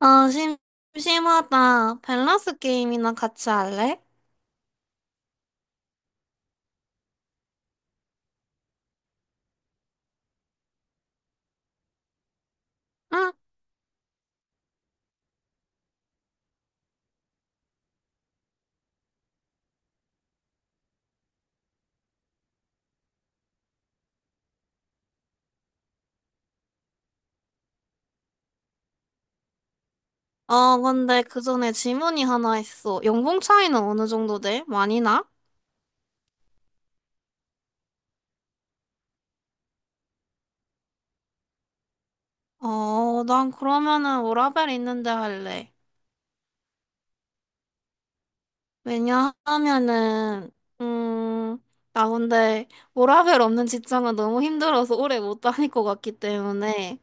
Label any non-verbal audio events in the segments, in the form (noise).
아, 심하다. 밸런스 게임이나 같이 할래? 응? 어, 근데 그 전에 질문이 하나 있어. 연봉 차이는 어느 정도 돼? 많이 나? 어, 난 그러면은 워라밸 있는데 할래. 왜냐하면은, 음, 나 근데 워라밸 없는 직장은 너무 힘들어서 오래 못 다닐 것 같기 때문에.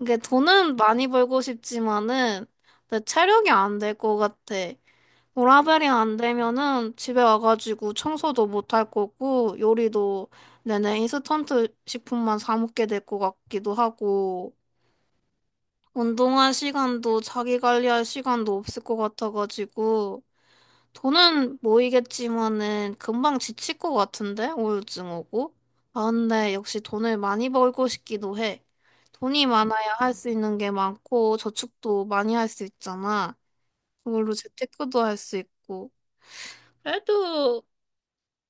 이게 돈은 많이 벌고 싶지만은, 내 체력이 안 될 것 같아. 워라벨이 안 되면은 집에 와가지고 청소도 못할 거고 요리도 내내 인스턴트 식품만 사 먹게 될 것 같기도 하고 운동할 시간도 자기 관리할 시간도 없을 것 같아가지고 돈은 모이겠지만은 금방 지칠 것 같은데 우울증 오고. 아 근데 역시 돈을 많이 벌고 싶기도 해. 돈이 많아야 할 수 있는 게 많고 저축도 많이 할 수 있잖아. 그걸로 재테크도 할 수 있고. 그래도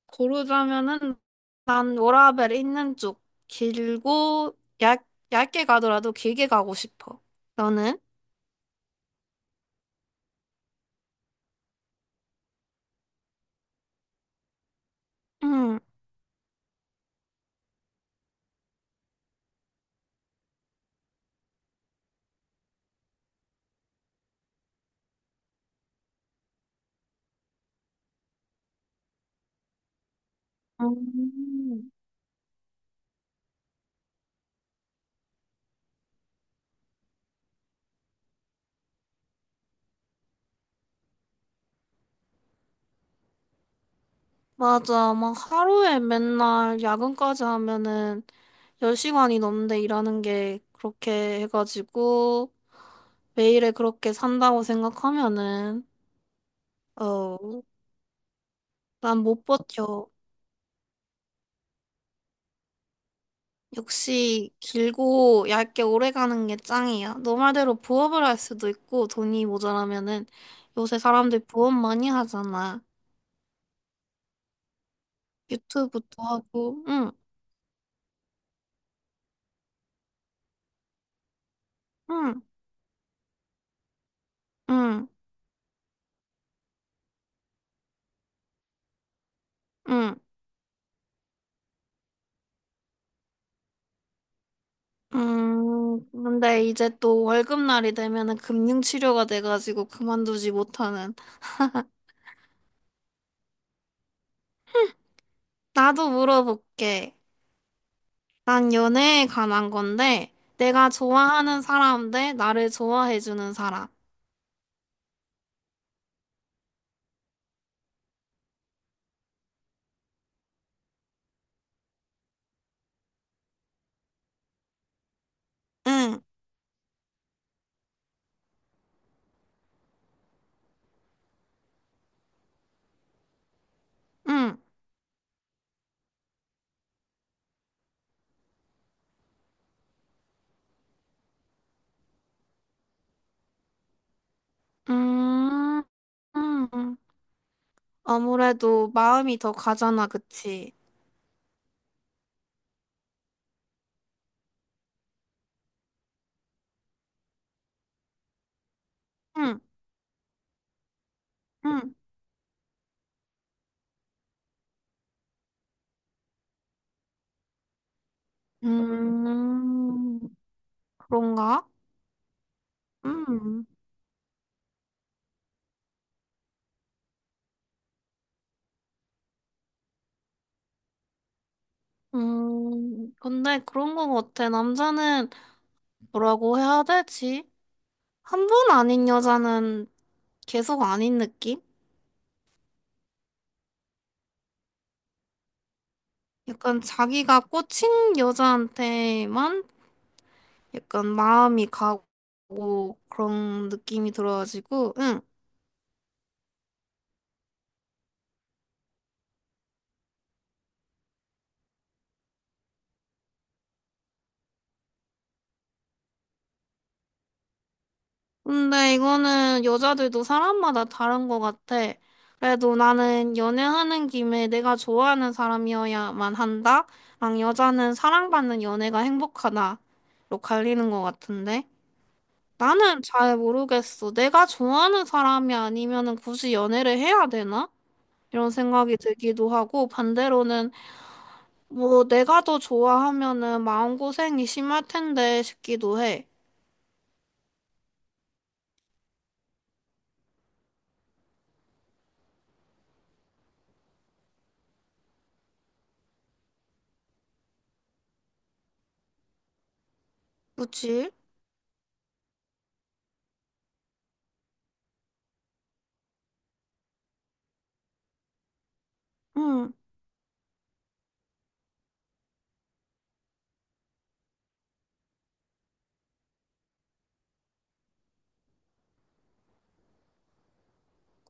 고르자면은 난 워라밸 있는 쪽, 길고 얇게 가더라도 길게 가고 싶어. 너는? 응. 음. 맞아. 막 하루에 맨날 야근까지 하면은 10시간이 넘는데 일하는 게 그렇게 해가지고 매일에 그렇게 산다고 생각하면은, 어, 난 못 버텨. 역시 길고 얇게 오래 가는 게 짱이야. 너 말대로 부업을 할 수도 있고 돈이 모자라면은, 요새 사람들 부업 많이 하잖아. 유튜브도 하고, 응, 응, 응, 응, 응. 근데 이제 또 월급날이 되면은 금융치료가 돼가지고 그만두지 못하는. 나도 물어볼게. 난 연애에 관한 건데, 내가 좋아하는 사람 대 나를 좋아해주는 사람. 응, 응, 음. 음. 음. 아무래도 마음이 더 가잖아, 그치? 응, 응. 음, 그런가? 음, 근데 그런 거 같아. 남자는 뭐라고 해야 되지? 한 번 아닌 여자는 계속 아닌 느낌? 약간 자기가 꽂힌 여자한테만 약간 마음이 가고 그런 느낌이 들어가지고, 응. 근데 이거는 여자들도 사람마다 다른 것 같아. 그래도 나는 연애하는 김에 내가 좋아하는 사람이어야만 한다? 랑 여자는 사랑받는 연애가 행복하다로 갈리는 것 같은데? 나는 잘 모르겠어. 내가 좋아하는 사람이 아니면은 굳이 연애를 해야 되나? 이런 생각이 들기도 하고, 반대로는 뭐 내가 더 좋아하면은 마음고생이 심할 텐데 싶기도 해. 그치? 응,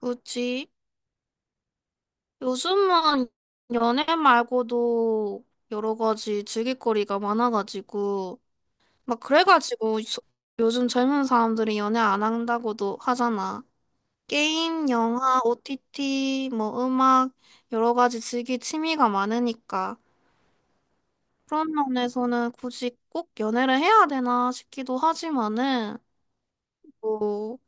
그치. 요즘은 연애 말고도 여러 가지 즐길거리가 많아가지고, 막 요즘 젊은 사람들이 연애 안 한다고도 하잖아. 게임, 영화, OTT, 뭐 음악, 여러 가지 즐길 취미가 많으니까. 그런 면에서는 굳이 꼭 연애를 해야 되나 싶기도 하지만은, 뭐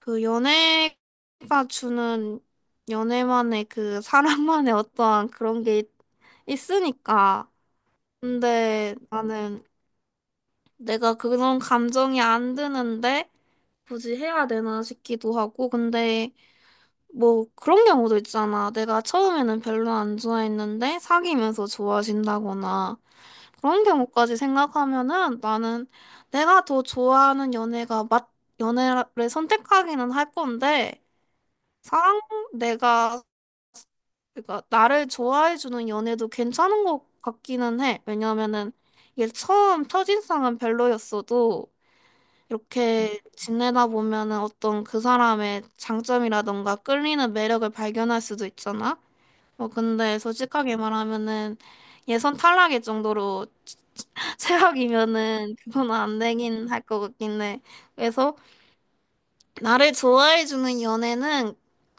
그 연애가 주는, 연애만의 그 사람만의 어떠한 그런 게 있으니까. 근데 나는 내가 그런 감정이 안 드는데 굳이 해야 되나 싶기도 하고. 근데 뭐 그런 경우도 있잖아. 내가 처음에는 별로 안 좋아했는데 사귀면서 좋아진다거나 그런 경우까지 생각하면은 나는 내가 더 좋아하는 연애가 연애를 선택하기는 할 건데, 사랑, 내가, 그러니까 나를 좋아해 주는 연애도 괜찮은 것 같기는 해. 왜냐면은 이게 처음 첫인상은 별로였어도 이렇게 지내다 보면은 어떤 그 사람의 장점이라던가 끌리는 매력을 발견할 수도 있잖아. 뭐 근데 솔직하게 말하면은 예선 탈락일 정도로 (laughs) 최악이면은 그건 안 되긴 할 것 같긴 해. 그래서 나를 좋아해주는 연애는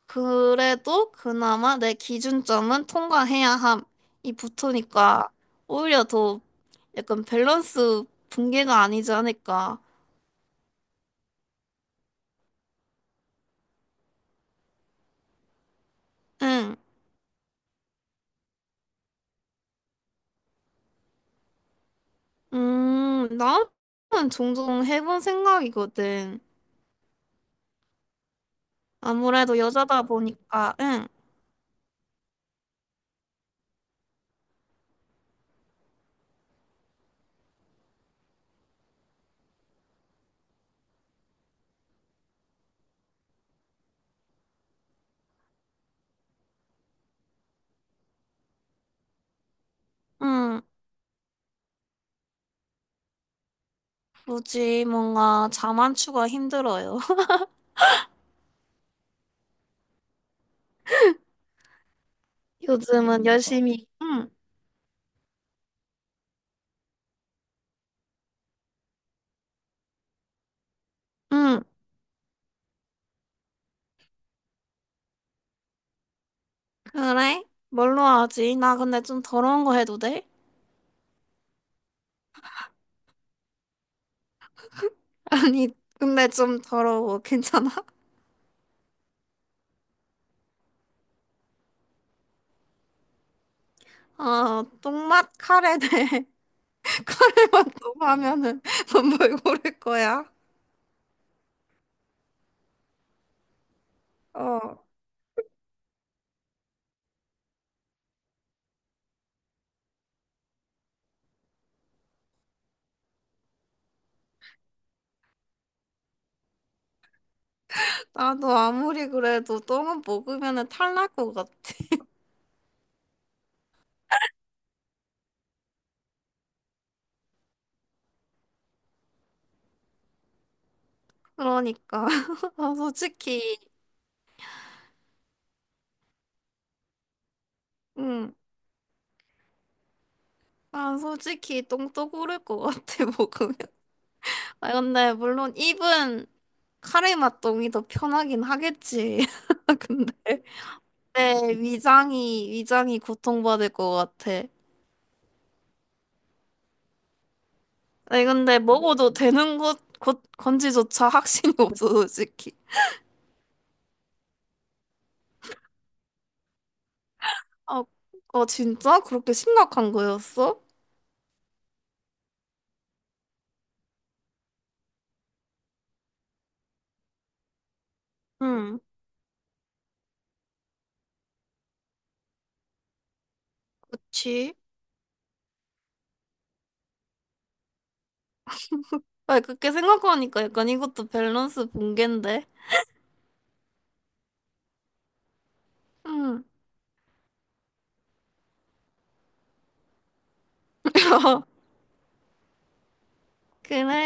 그래도 그나마 내 기준점은 통과해야 함이 붙으니까 오히려 더 약간 밸런스 붕괴가 아니지 않을까. 응. 나는 종종 해본 생각이거든. 아무래도 여자다 보니까, 응, 응. 굳이 뭔가 자만추가 힘들어요. (laughs) 요즘은 열심히, 응, 응. 그래? 뭘로 하지? 나 근데 좀 더러운 거 해도 돼? 아니, 근데 좀 더러워. 괜찮아? 아, 똥맛 카레 네 카레맛 (laughs) 너무 하면은 넌뭘 고를 거야? 어, 나도 아무리 그래도 똥은 먹으면은 탈날 것 같아. 그러니까. (laughs) 아, 솔직히, 응. 난 솔직히 똥도 고를 것 같아, (laughs) 먹으면. 아, 근데 물론 입은 카레맛 똥이 더 편하긴 하겠지. (laughs) 근데 위장이 고통받을 것 같아. 아니 근데 먹어도 되는 것 건지조차 확신이 (laughs) 없어 솔직히. 아, 아 진짜? 그렇게 심각한 거였어? 응. 그치? 아니 그렇게 생각하니까 약간 이것도 밸런스 붕괴인데. 응. (laughs) 그래